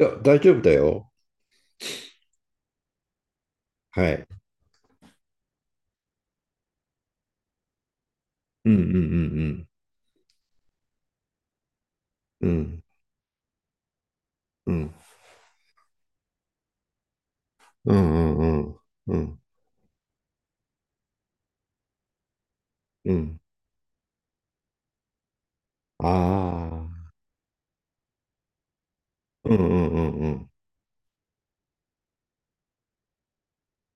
いや、大丈夫だよ。はい。うんうんうんうん。うんうんうんうん。うんうんああ。うんうんうんうん。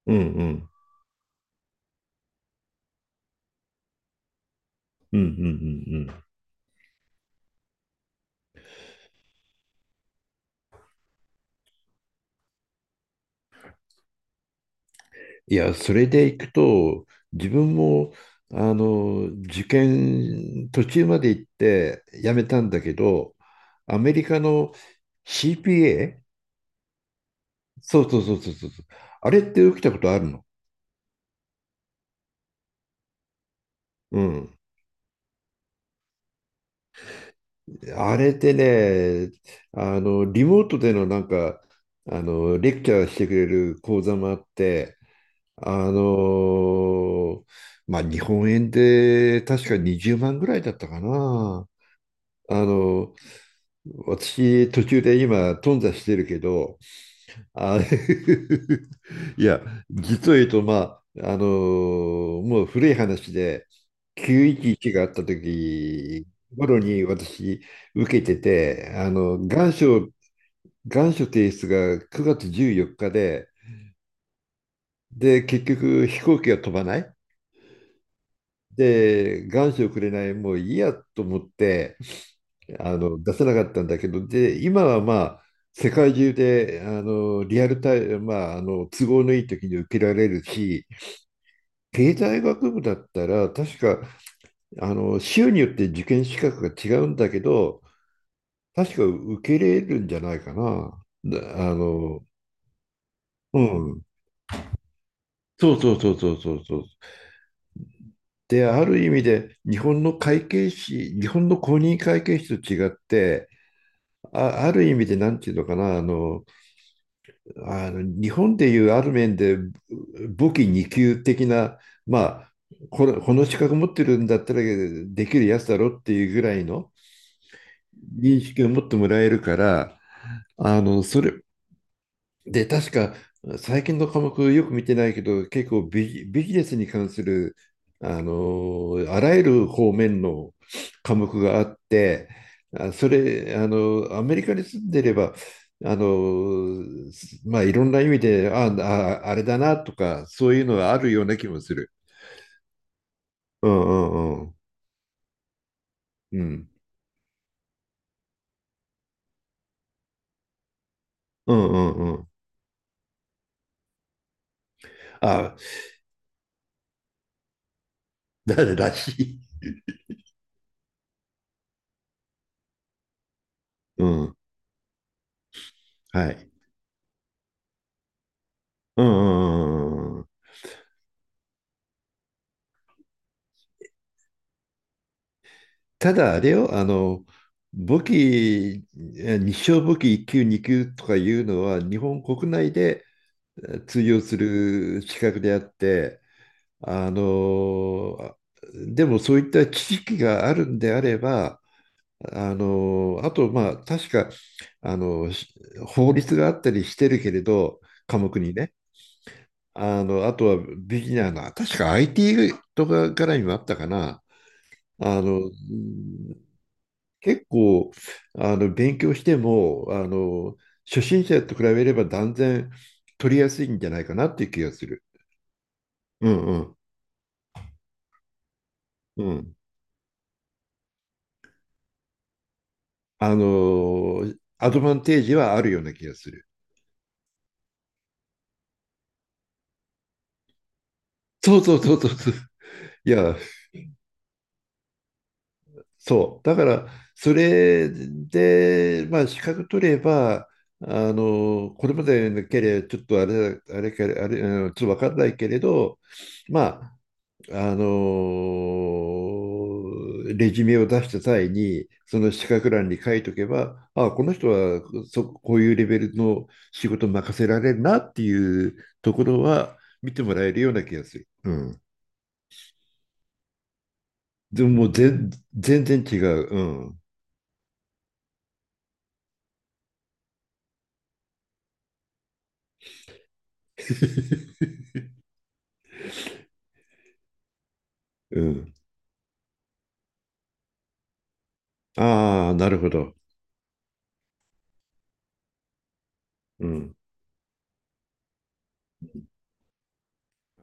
うんうんうんうんうんうん。いや、それでいくと、自分も、受験途中まで行って辞めたんだけど、アメリカの CPA？ そうそうそうそうそう。あれって起きたことあるの？うん。あれってね、リモートでのなんか、レクチャーしてくれる講座もあって、あの、日本円で確か20万ぐらいだったかな。あの、私、途中で今、頓挫してるけど、あれ いや、実を言うと、もう古い話で、911があった時頃に私、受けてて、あの、願書、願書提出が9月14日で、で、結局飛行機が飛ばない。で、願書をくれない、もういいやと思って、出せなかったんだけど、で、今はあ、世界中で、リアルタイム、都合のいい時に受けられるし、経済学部だったら、確か、州によって受験資格が違うんだけど、確か受け入れるんじゃないかな。だあの、うん。そうそうそうそうそうそう。で、ある意味で、日本の会計士、日本の公認会計士と違って、あ、ある意味で、なんていうのかな、あの、日本でいうある面で、簿記二級的な、まあ、これ、この資格持ってるんだったらできるやつだろっていうぐらいの、認識を持ってもらえるから、あの、それ、で、確か、最近の科目よく見てないけど、結構ビジネスに関する、あらゆる方面の科目があって、あ、それ、あの、アメリカに住んでれば、あの、いろんな意味で、ああ、あれだなとか、そういうのがあるような気もする。うんうんうん。うん。うんうんうん。あ、だらしい。うん。はい。うんうんうんうん。ただあれよ、あの、武器、え日商武器1級、2級とかいうのは、日本国内で通用する資格であって、あの、あでもそういった知識があるんであれば、あの、あと、まあ、確か、あの、し法律があったりしてるけれど、科目にね、あとはビギナーの、確か IT とか絡みもあったかな。あの、結構勉強しても初心者と比べれば断然取りやすいんじゃないかなっていう気がする。うんうんうん。あのアドバンテージはあるような気がする。そうそうそうそうそう。いや、そう。だから、それで、まあ、資格取れば、あの、これまでのければ、ちょっとあれ、あれか、あれ、あのちょっとわかんないけれど、まあ、レジュメを出した際にその資格欄に書いとけば、ああ、この人はこういうレベルの仕事任せられるなっていうところは見てもらえるような気がする。うん、でももう全全然違う。うん うん、ああ、なるほど。うん、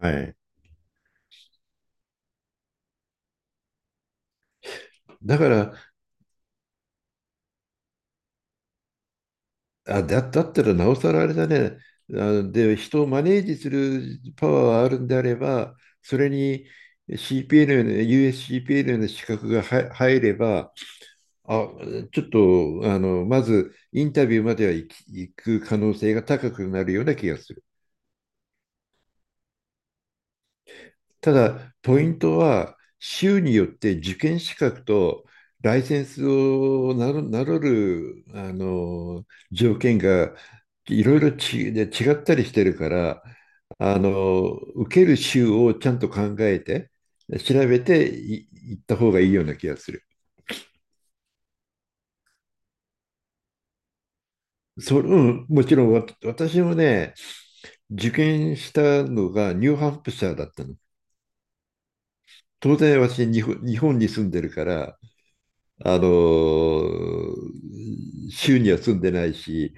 はい、だからだったらなおさらあれだね。あので、人をマネージするパワーがあるんであれば、それに CPL の、USCPL の資格が入れば、あ、ちょっと、まずインタビューまでは行く可能性が高くなるような気がする。ただ、ポイントは、州によって受験資格とライセンスをなる、なろる、あの、条件がいろいろ違ったりしてるから、受ける州をちゃんと考えて、調べてい行った方がいいような気がする。うん、もちろん私もね、受験したのがニューハンプシャーだったの。当然私日本、日本に住んでるから、あの、州には住んでないし、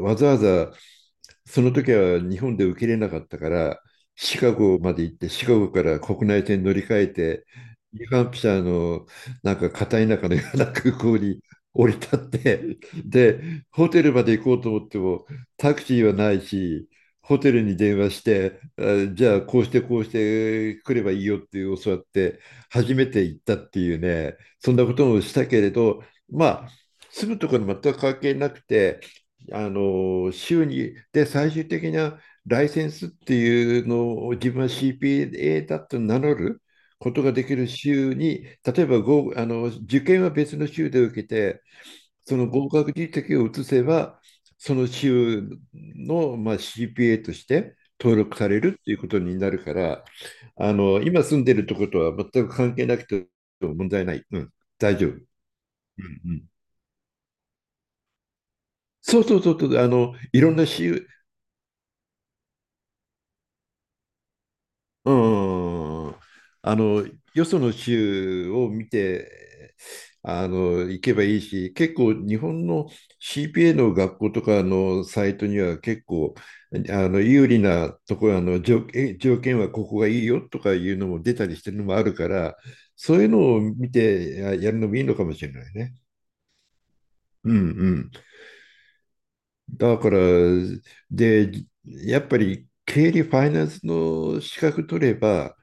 わざわざその時は日本で受け入れなかったから、シカゴまで行って、シカゴから国内線乗り換えてニューハンプシャーのなんか片田舎のような空港に 降り立って、で、ホテルまで行こうと思ってもタクシーはないし、ホテルに電話してじゃあこうしてこうして来ればいいよって教わって初めて行ったっていうね。そんなこともしたけれど、まあ、住むところに全く関係なくて、あの週にで最終的なライセンスっていうのを、自分は CPA だと名乗ることができる州に、例えば合あの受験は別の州で受けて、その合格実績を移せば、その州の、まあ、CPA として登録されるっていうことになるから、今住んでるとことは全く関係なくて問題ない、うん、大丈夫。うんうん、そうそうそうそう、いろんな州、うん。うん、あの、よその州を見て、行けばいいし、結構日本の CPA の学校とかのサイトには結構、有利なところ、あの、条件はここがいいよとかいうのも出たりしてるのもあるから、そういうのを見てやるのもいいのかもしれないね。うんうん。だから、で、やっぱり経理ファイナンスの資格取れば、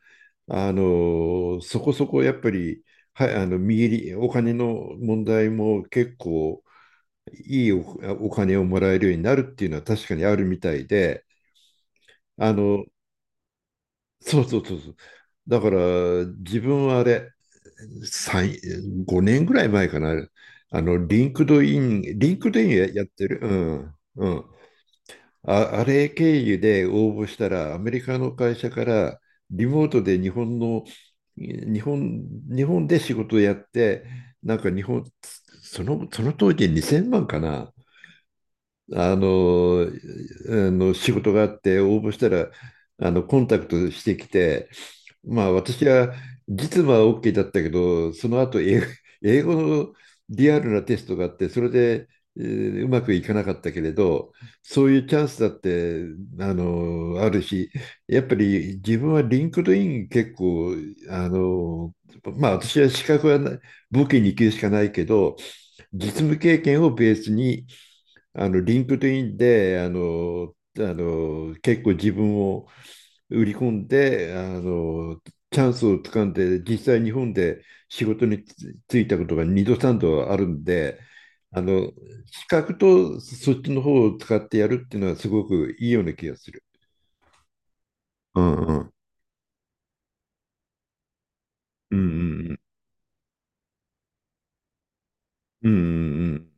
そこそこやっぱり、はい、あの、見入り、お金の問題も結構いいお、お金をもらえるようになるっていうのは確かにあるみたいで、あの、そうそうそうそう。だから、自分はあれ、3、5年ぐらい前かな、あの、リンクドインやってる、うん、うん。あれ経由で応募したら、アメリカの会社からリモートで日本の、日本、日本で仕事をやって、なんか日本、その、その当時2000万かな、あの仕事があって応募したらあのコンタクトしてきて、まあ、私は実務は OK だったけど、その後英語のリアルなテストがあって、それで、うまくいかなかったけれど、そういうチャンスだってあるし、やっぱり自分はリンクドイン結構、あの、まあ、私は資格はな武器に行きるしかないけど、実務経験をベースにリンクトインで、結構自分を売り込んで、チャンスをつかんで、実際日本で仕事に就いたことが2度3度あるんで、あの、資格とそっちの方を使ってやるっていうのはすごくいいような気がする。うん。うんうんうんうんうんうん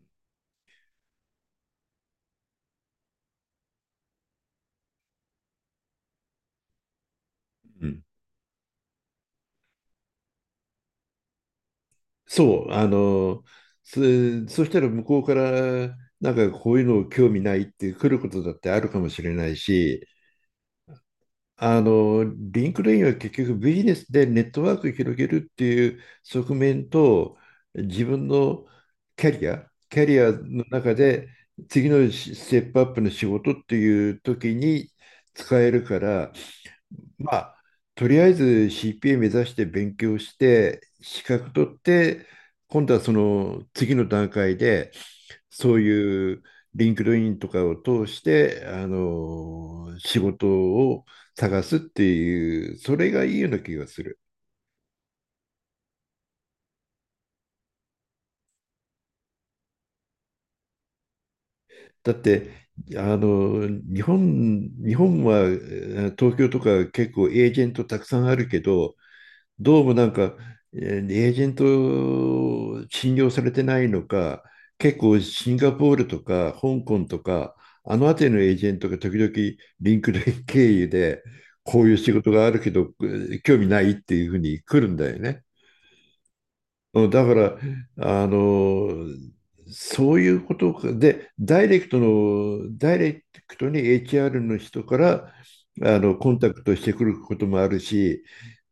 うん、そう、そ、そしたら向こうから、なんかこういうの興味ないって来ることだってあるかもしれないし、あの、リンクレインは結局ビジネスでネットワークを広げるっていう側面と、自分のキャリアの中で次のステップアップの仕事っていう時に使えるから、まあ、とりあえず CPA 目指して勉強して、資格取って、今度はその次の段階で、そういうリンクドインとかを通して、仕事を探すっていう、それがいいような気がする。だって、あの、日本は東京とか結構エージェントたくさんあるけど、どうもなんか、エージェント信用されてないのか、結構シンガポールとか香港とか、あの辺りのエージェントが時々リンクで経由で、こういう仕事があるけど、興味ないっていうふうに来るんだよね。うん、だから、あの、そういうことかで、ダイレクトに HR の人から、コンタクトしてくることもあるし、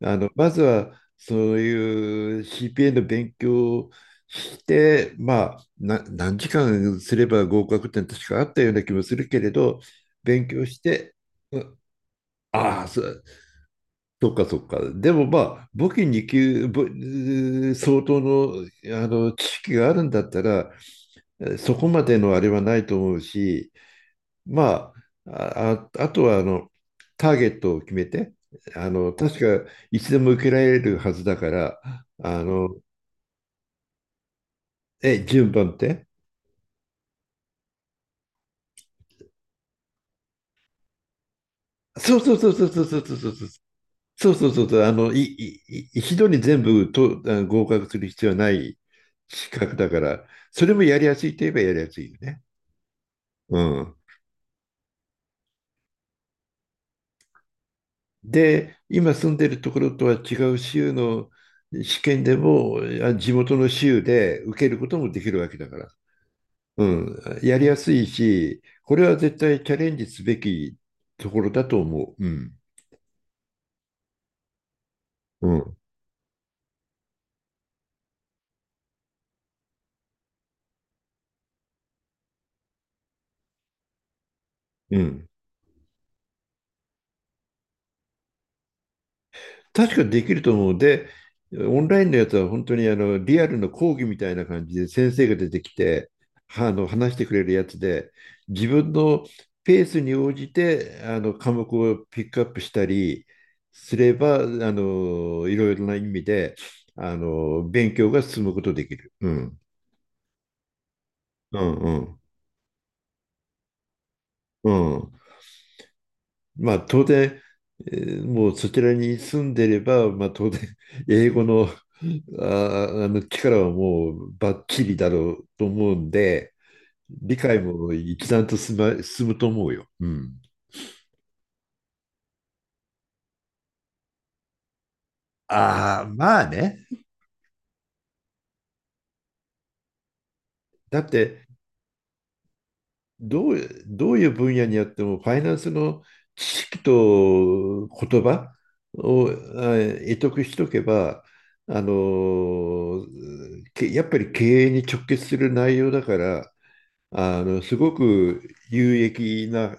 まずは、そういう CPA の勉強をして、まあ、何時間すれば合格点確かあったような気もするけれど、勉強して、うん、ああ、そう、そっかそっか。でもまあ、簿記に級、相当の、知識があるんだったら、そこまでのあれはないと思うし、まあ、あとはターゲットを決めて、確かいつでも受けられるはずだから、あのえ、順番って？そうそうそうそうそうそうそうそうそう。そうそうそうそう、あの、い、い、い一度に全部合格する必要はない資格だから、それもやりやすいといえばやりやすいよね。うん。で、今住んでるところとは違う州の試験でも、地元の州で受けることもできるわけだから。うん。やりやすいし、これは絶対チャレンジすべきところだと思う。うん。うん。うん。確かにできると思う。で、オンラインのやつは本当にリアルの講義みたいな感じで先生が出てきて、はあの話してくれるやつで、自分のペースに応じて科目をピックアップしたりすれば、いろいろな意味で勉強が進むことできる。うん。うんうん。うん。まあ当然、もうそちらに住んでれば、まあ当然、英語の、力はもうバッチリだろうと思うんで、理解も一段と進むと思うよ。うん。ああ、まあね。だって、どういう分野にあっても、ファイナンスの知識と言葉を、得しとけば、あのけやっぱり経営に直結する内容だから、すごく有益な、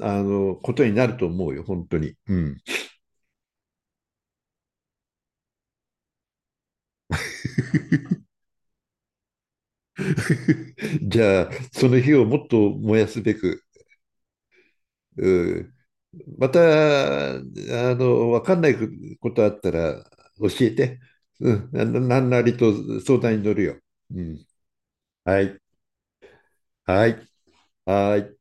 ことになると思うよ、本当に。うん。じゃあ、その火をもっと燃やすべく、うん、また、わかんないことあったら教えて。うん、なんなりと相談に乗るよ。うん。はい。はい。はい。